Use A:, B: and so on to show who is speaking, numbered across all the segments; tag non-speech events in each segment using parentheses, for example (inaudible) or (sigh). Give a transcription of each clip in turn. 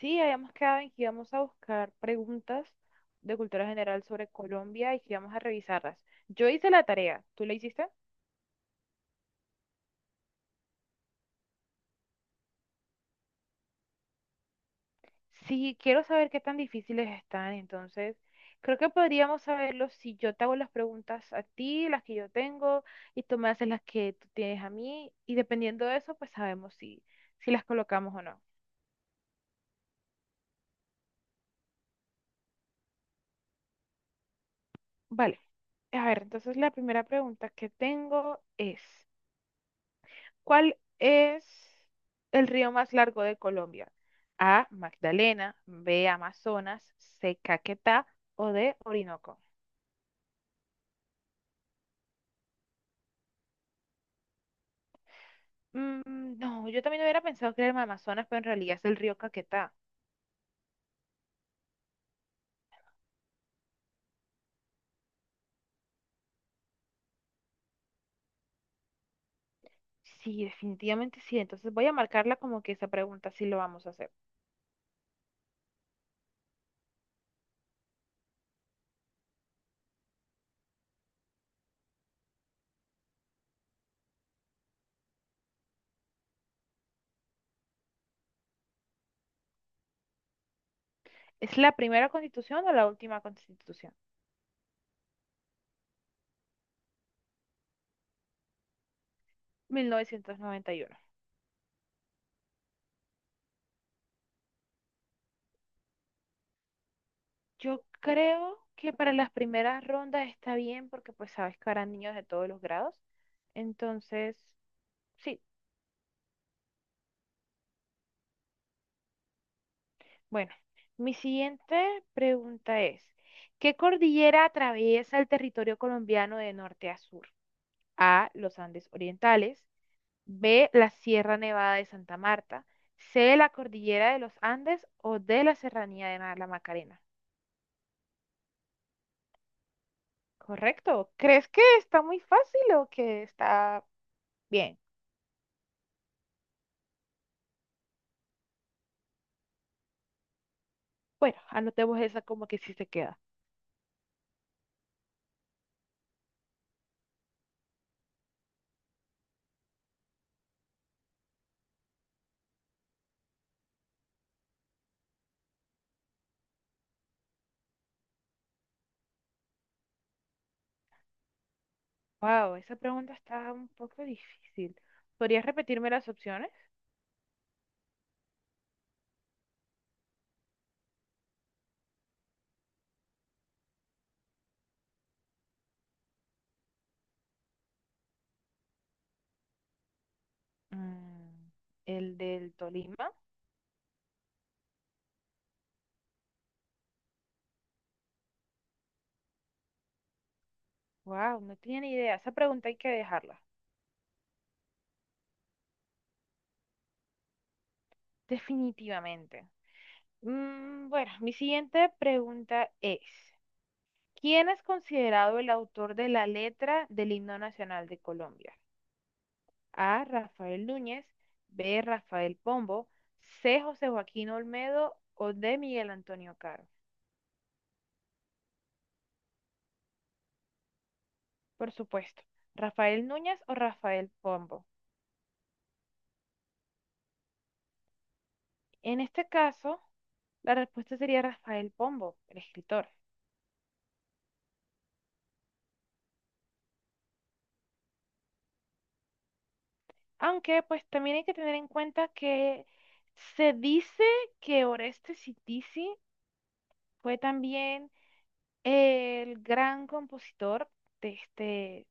A: Sí, habíamos quedado en que íbamos a buscar preguntas de cultura general sobre Colombia y que íbamos a revisarlas. Yo hice la tarea, ¿tú la hiciste? Sí, quiero saber qué tan difíciles están, entonces creo que podríamos saberlo si yo te hago las preguntas a ti, las que yo tengo, y tú me haces las que tú tienes a mí, y dependiendo de eso, pues sabemos si las colocamos o no. Vale, a ver, entonces la primera pregunta que tengo es… ¿Cuál es el río más largo de Colombia? A, Magdalena, B, Amazonas, C, Caquetá o D, Orinoco. No, yo también hubiera pensado que era el Amazonas, pero en realidad es el río Caquetá. Sí, definitivamente sí. Entonces voy a marcarla como que esa pregunta sí lo vamos a hacer. ¿Es la primera constitución o la última constitución? 1991. Yo creo que para las primeras rondas está bien porque pues sabes que harán niños de todos los grados. Entonces, sí. Bueno, mi siguiente pregunta es, ¿qué cordillera atraviesa el territorio colombiano de norte a sur? A, los Andes Orientales, B, la Sierra Nevada de Santa Marta, C, la cordillera de los Andes o D, la Serranía de la Macarena. Correcto. ¿Crees que está muy fácil o que está bien? Bueno, anotemos esa como que sí se queda. Wow, esa pregunta está un poco difícil. ¿Podrías repetirme las opciones? Mm, el del Tolima. Wow, no tenía ni idea. Esa pregunta hay que dejarla. Definitivamente. Bueno, mi siguiente pregunta es, ¿quién es considerado el autor de la letra del himno nacional de Colombia? A. Rafael Núñez, B. Rafael Pombo, C. José Joaquín Olmedo o D. Miguel Antonio Caro. Por supuesto, Rafael Núñez o Rafael Pombo. En este caso, la respuesta sería Rafael Pombo, el escritor. Aunque pues también hay que tener en cuenta que se dice que Oreste Citisi fue también el gran compositor de este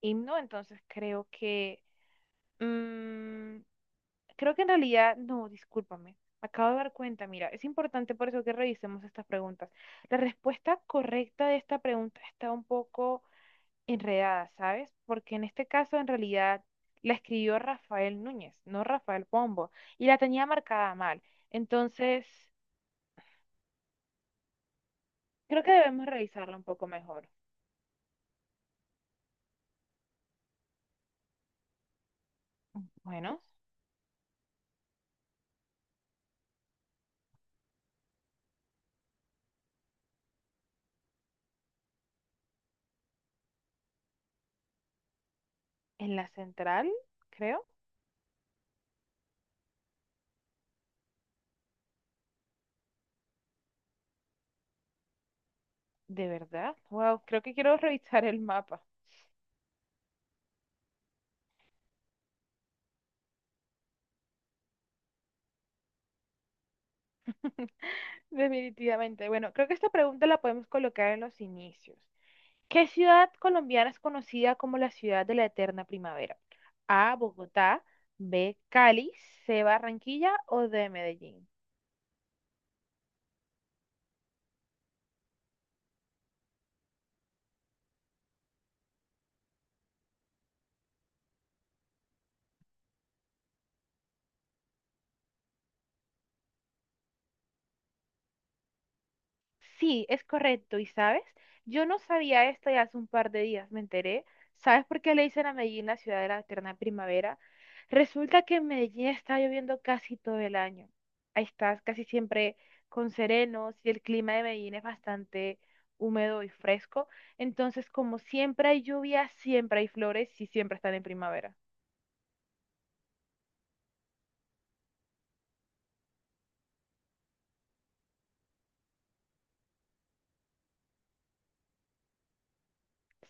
A: himno, entonces creo que mm, creo que en realidad, no, discúlpame, me acabo de dar cuenta, mira, es importante por eso que revisemos estas preguntas. La respuesta correcta de esta pregunta está un poco enredada, ¿sabes? Porque en este caso, en realidad, la escribió Rafael Núñez, no Rafael Pombo, y la tenía marcada mal. Entonces, creo que debemos revisarla un poco mejor. Bueno, en la central, creo, de verdad. Wow, creo que quiero (laughs) revisar el mapa. (laughs) Definitivamente. Bueno, creo que esta pregunta la podemos colocar en los inicios. ¿Qué ciudad colombiana es conocida como la ciudad de la eterna primavera? A, Bogotá, B, Cali, C, Barranquilla o D, Medellín. Sí, es correcto. ¿Y sabes? Yo no sabía esto y hace un par de días me enteré. ¿Sabes por qué le dicen a Medellín la ciudad de la eterna primavera? Resulta que en Medellín está lloviendo casi todo el año. Ahí estás casi siempre con serenos y el clima de Medellín es bastante húmedo y fresco. Entonces, como siempre hay lluvia, siempre hay flores y siempre están en primavera.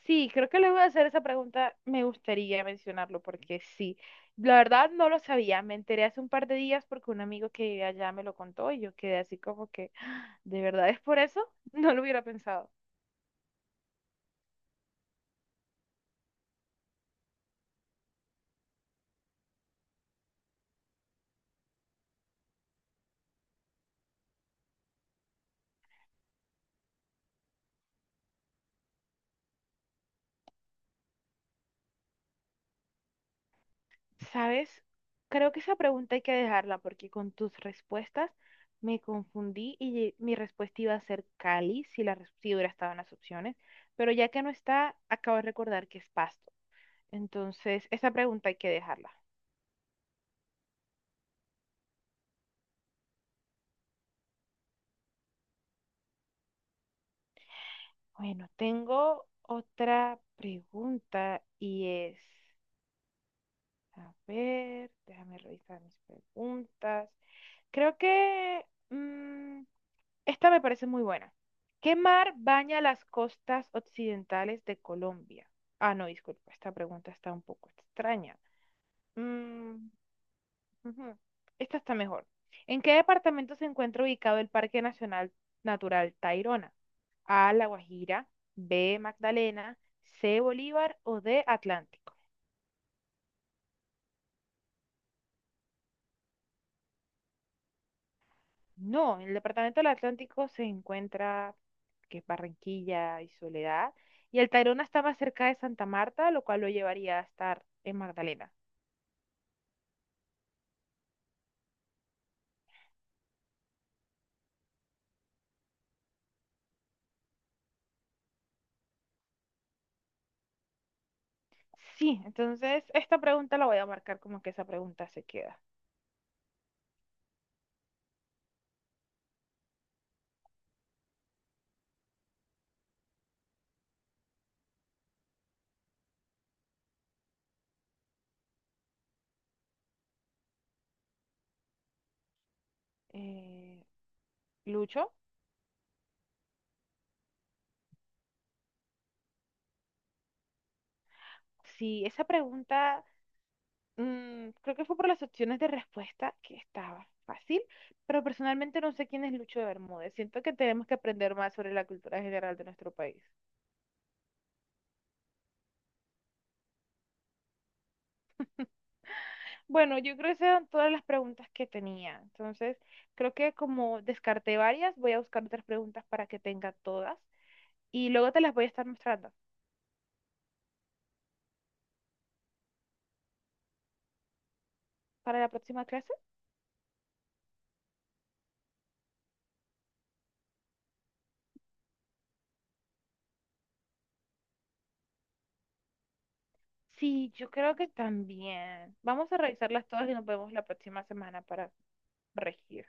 A: Sí, creo que luego de hacer esa pregunta me gustaría mencionarlo porque sí, la verdad no lo sabía, me enteré hace un par de días porque un amigo que vive allá me lo contó y yo quedé así como que, ¿de verdad es por eso? (laughs) No lo hubiera pensado. ¿Sabes? Creo que esa pregunta hay que dejarla porque con tus respuestas me confundí y mi respuesta iba a ser Cali si la si hubiera estado en las opciones, pero ya que no está, acabo de recordar que es Pasto. Entonces, esa pregunta hay que dejarla. Bueno, tengo otra pregunta y es, a ver, déjame revisar mis preguntas. Creo que esta me parece muy buena. ¿Qué mar baña las costas occidentales de Colombia? Ah, no, disculpa, esta pregunta está un poco extraña. Mm. Ujú. Esta está mejor. ¿En qué departamento se encuentra ubicado el Parque Nacional Natural Tayrona? A, La Guajira, B, Magdalena, C, Bolívar o D, Atlántico. No, en el departamento del Atlántico se encuentra que es Barranquilla y Soledad, y el Tayrona está más cerca de Santa Marta, lo cual lo llevaría a estar en Magdalena. Sí, entonces esta pregunta la voy a marcar como que esa pregunta se queda. Eh, Lucho, si esa pregunta creo que fue por las opciones de respuesta que estaba fácil, pero personalmente no sé quién es Lucho de Bermúdez. Siento que tenemos que aprender más sobre la cultura general de nuestro país. Bueno, yo creo que esas eran todas las preguntas que tenía. Entonces, creo que como descarté varias, voy a buscar otras preguntas para que tenga todas y luego te las voy a estar mostrando. ¿Para la próxima clase? Sí, yo creo que también. Vamos a revisarlas todas y nos vemos la próxima semana para regir.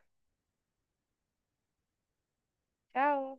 A: Chao.